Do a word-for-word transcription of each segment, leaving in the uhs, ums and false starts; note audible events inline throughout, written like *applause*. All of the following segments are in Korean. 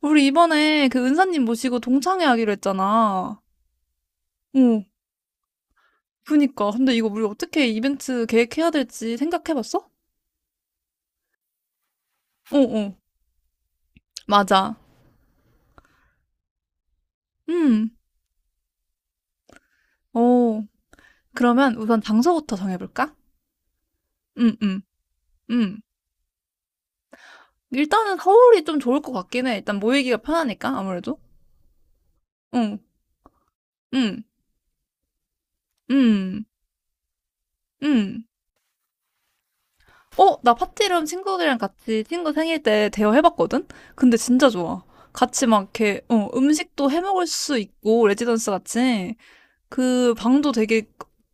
우리 이번에 그 은사님 모시고 동창회 하기로 했잖아. 어, 그니까. 근데 이거 우리 어떻게 이벤트 계획해야 될지 생각해봤어? 어, 어. 맞아. 음, 어. 그러면 우선 장소부터 정해볼까? 음, 음, 음. 일단은 서울이 좀 좋을 것 같긴 해. 일단 모이기가 편하니까, 아무래도. 응, 응, 응, 응. 어, 나 파티룸 친구들이랑 같이 친구 생일 때 대여해봤거든? 근데 진짜 좋아. 같이 막 이렇게, 어, 음식도 해먹을 수 있고, 레지던스 같이. 그 방도 되게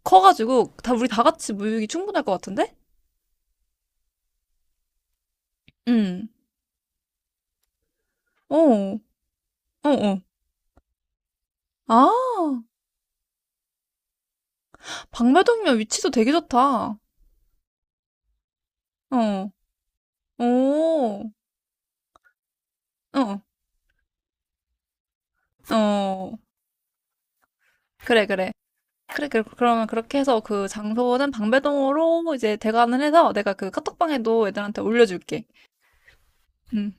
커가지고 다 우리 다 같이 모이기 충분할 것 같은데? 응. 어, 어, 어. 아, 박배동이면 위치도 되게 좋다. 어, 오, 어, 어. 그래, 그래. 그래, 그래. 그러면 그렇게 해서 그 장소는 방배동으로 이제 대관을 해서 내가 그 카톡방에도 애들한테 올려줄게. 음.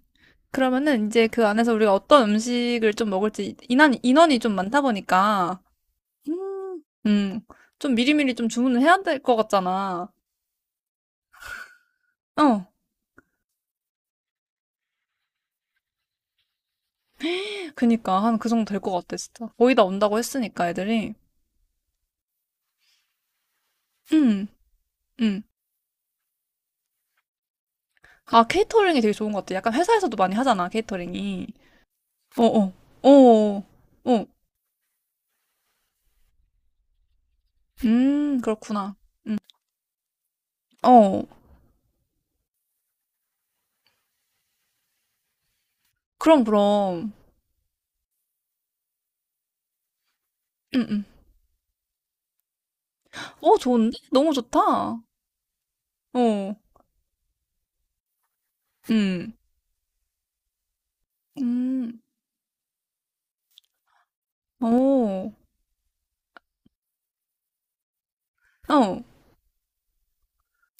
그러면은 이제 그 안에서 우리가 어떤 음식을 좀 먹을지 인원, 인원이 좀 많다 보니까 음, 음, 좀 미리미리 좀 주문을 해야 될 것 같잖아. 어, 그니까 한 그 정도 될 것 같아, 진짜. 거의 다 온다고 했으니까 애들이. 음, 음. 아, 케이터링이 되게 좋은 것 같아. 약간 회사에서도 많이 하잖아, 케이터링이. 어, 어, 어, 어, 어. 음, 그렇구나. 어, 그럼, 그럼. 음, 음. 어, 좋은데? 너무 좋다. 어, 음, 음, 어, 어.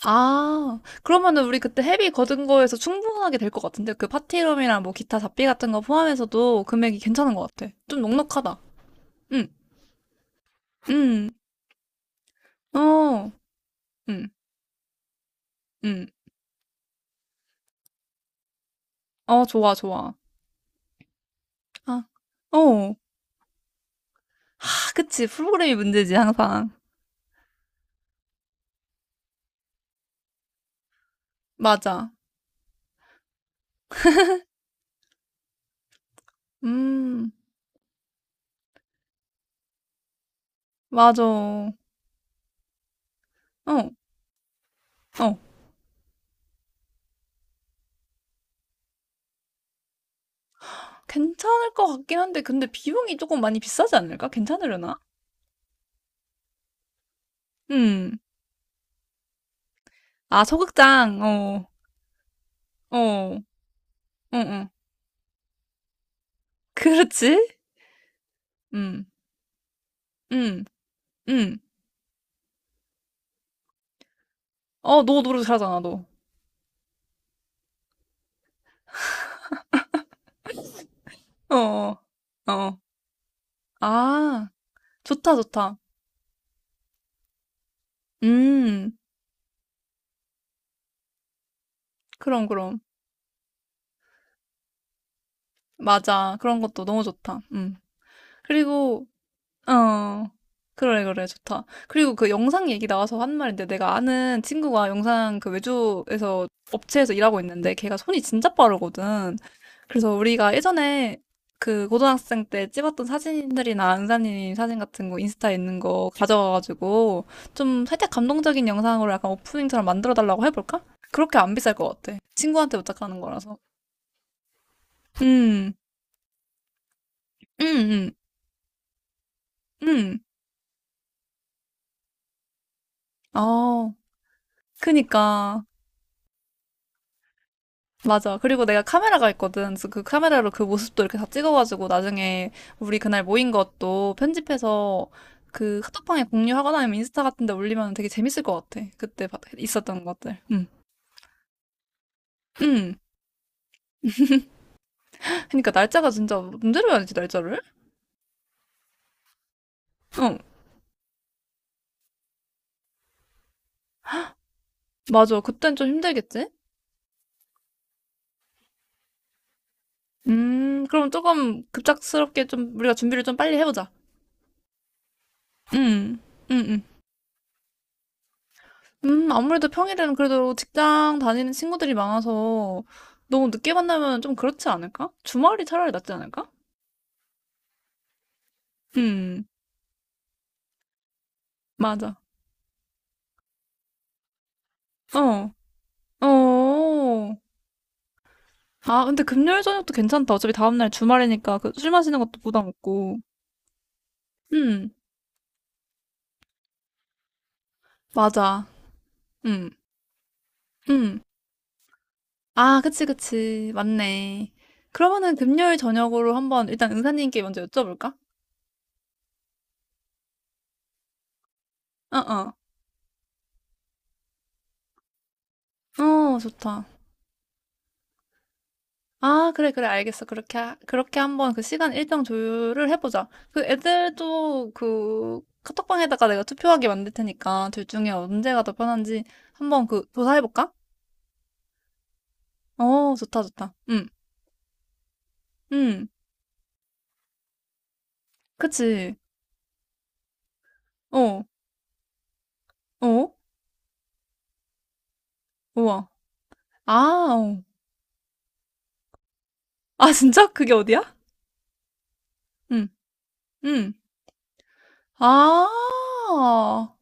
아, 그러면은 우리 그때 헤비 거둔 거에서 충분하게 될 것 같은데? 그 파티룸이랑 뭐 기타 잡비 같은 거 포함해서도 금액이 괜찮은 것 같아. 좀 넉넉하다. 응, 응, 어, 응, 응. 어, 좋아, 좋아. 아, 어. 하, 그치. 프로그램이 문제지, 항상. 맞아. 음, 맞아. 어, 어. 괜찮을 것 같긴 한데, 근데 비용이 조금 많이 비싸지 않을까? 괜찮으려나? 음. 아, 소극장. 어, 어, 어, 어. 그렇지. 음. 응, 응. 어, 너 노래 잘하잖아, 너. 어, 어. 어. 아, 좋다, 좋다. 음, 그럼, 그럼. 맞아. 그런 것도 너무 좋다. 음. 그리고 어, 그래, 그래, 좋다. 그리고 그 영상 얘기 나와서 한 말인데, 내가 아는 친구가 영상 그 외주에서 업체에서 일하고 있는데, 걔가 손이 진짜 빠르거든. 그래서 우리가 예전에 그 고등학생 때 찍었던 사진들이나 은사님 사진 같은 거 인스타에 있는 거 가져와가지고, 좀 살짝 감동적인 영상으로 약간 오프닝처럼 만들어 달라고 해볼까? 그렇게 안 비쌀 것 같아. 친구한테 부탁하는 거라서. 음, 음, 음, 음. 어, 그니까. 맞아. 그리고 내가 카메라가 있거든. 그래서 그 카메라로 그 모습도 이렇게 다 찍어가지고 나중에 우리 그날 모인 것도 편집해서 그 카톡방에 공유하거나 아니면 인스타 같은 데 올리면 되게 재밌을 것 같아. 그때 바- 있었던 것들. 응. 응. 그러니까 날짜가 진짜 문제로 해야지, 날짜를. 응. 맞아. 그땐 좀 힘들겠지? 음, 그럼 조금 급작스럽게 좀 우리가 준비를 좀 빨리 해보자. 응. 응, 응. 음, 아무래도 평일에는 그래도 직장 다니는 친구들이 많아서 너무 늦게 만나면 좀 그렇지 않을까? 주말이 차라리 낫지 않을까? 음, 맞아. 어, 어. 아, 근데 금요일 저녁도 괜찮다. 어차피 다음날 주말이니까 그 술 마시는 것도 부담 없고. 음, 맞아. 음, 음. 아, 그치, 그치. 맞네. 그러면은 금요일 저녁으로 한번 일단 은사님께 먼저 여쭤볼까? 어, 어. 어, 좋다. 아, 그래, 그래, 알겠어. 그렇게, 하- 그렇게 한번 그 시간 일정 조율을 해보자. 그 애들도 그 카톡방에다가 내가 투표하게 만들 테니까 둘 중에 언제가 더 편한지 한번 그 조사해볼까? 어, 좋다, 좋다. 응, 응, 그치. 어, 어, 우와. 아, 어. 아, 진짜? 그게 어디야? 응, 응. 아, 어.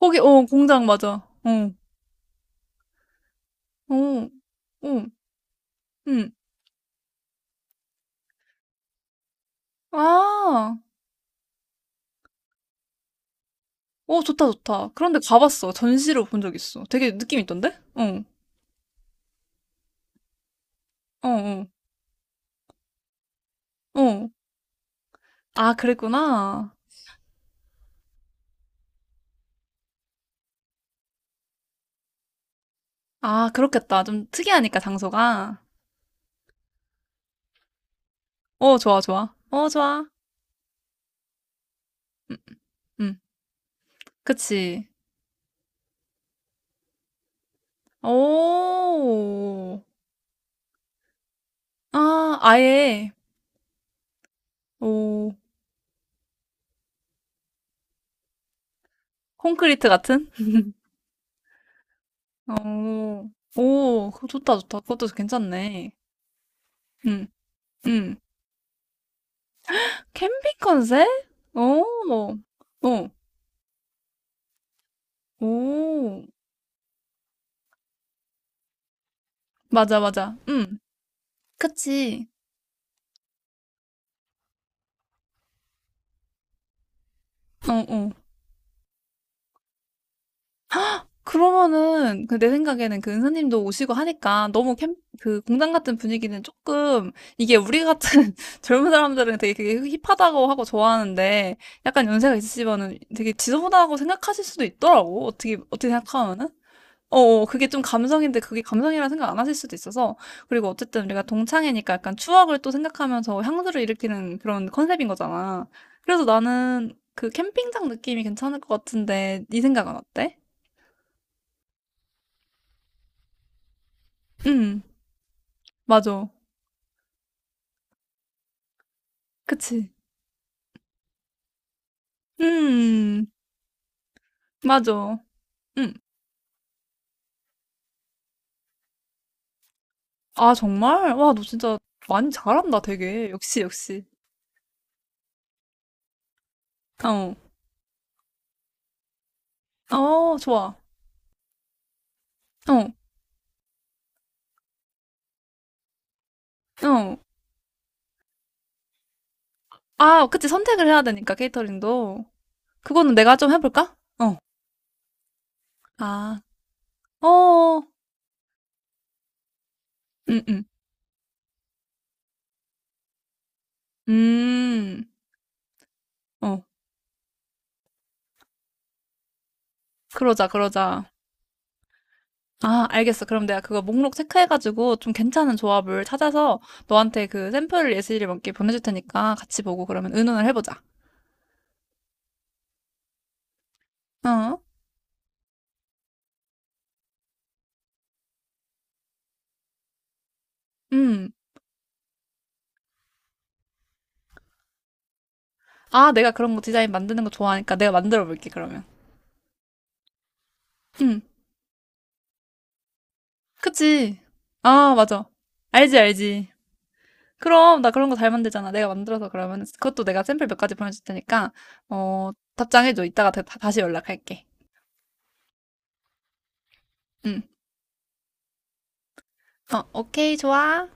거기, 어, 공장 맞아. 어, 어, 어, 응. 아. 어, 좋다, 좋다. 그런데 가봤어. 전시를 본 적 있어. 되게 느낌 있던데? 어, 어, 어, 어. 아, 그랬구나. 아, 그렇겠다. 좀 특이하니까, 장소가. 어, 좋아, 좋아. 어, 좋아. 음, 음. 그치. 오, 아, 아예, 오, 콘크리트 같은? 오, 오, 그거 좋다, 좋다. 그것도 괜찮네. 음, 음. 캠핑 컨셉? 오, 오 오, 맞아, 맞아. 음, 그치. 어, 어. 그러면은 그 내 생각에는 그 은사님도 오시고 하니까 너무 캠, 그 공장 같은 분위기는 조금 이게 우리 같은 *laughs* 젊은 사람들은 되게 그게 힙하다고 하고 좋아하는데 약간 연세가 있으시면은 되게 지저분하다고 생각하실 수도 있더라고. 어떻게 어떻게 생각하면은. 어, 어, 그게 좀 감성인데 그게 감성이라 생각 안 하실 수도 있어서 그리고 어쨌든 우리가 동창회니까 약간 추억을 또 생각하면서 향수를 일으키는 그런 컨셉인 거잖아. 그래서 나는 그 캠핑장 느낌이 괜찮을 것 같은데 네 생각은 어때? 음, 맞아. 그치. 음, 맞아. 음. 아, 정말? 와, 너 진짜 많이 잘한다, 되게. 역시, 역시. 어, 어, 좋아. 어, 어. 아, 그치. 선택을 해야 되니까, 케이터링도. 그거는 내가 좀 해볼까? 어. 아, 어, 음, 음, 음. 어, 그러자, 그러자. 아, 알겠어. 그럼 내가 그거 목록 체크해가지고 좀 괜찮은 조합을 찾아서 너한테 그 샘플 예시를 몇 개 보내줄 테니까 같이 보고 그러면 의논을 해보자. 어? 음. 아, 내가 그런 거 디자인 만드는 거 좋아하니까 내가 만들어 볼게, 그러면. 음. 그치. 아, 맞아. 알지, 알지. 그럼, 나 그런 거 잘 만들잖아. 내가 만들어서 그러면, 그것도 내가 샘플 몇 가지 보내줄 테니까, 어, 답장해줘. 이따가 다, 다시 연락할게. 응 어, 오케이, 좋아.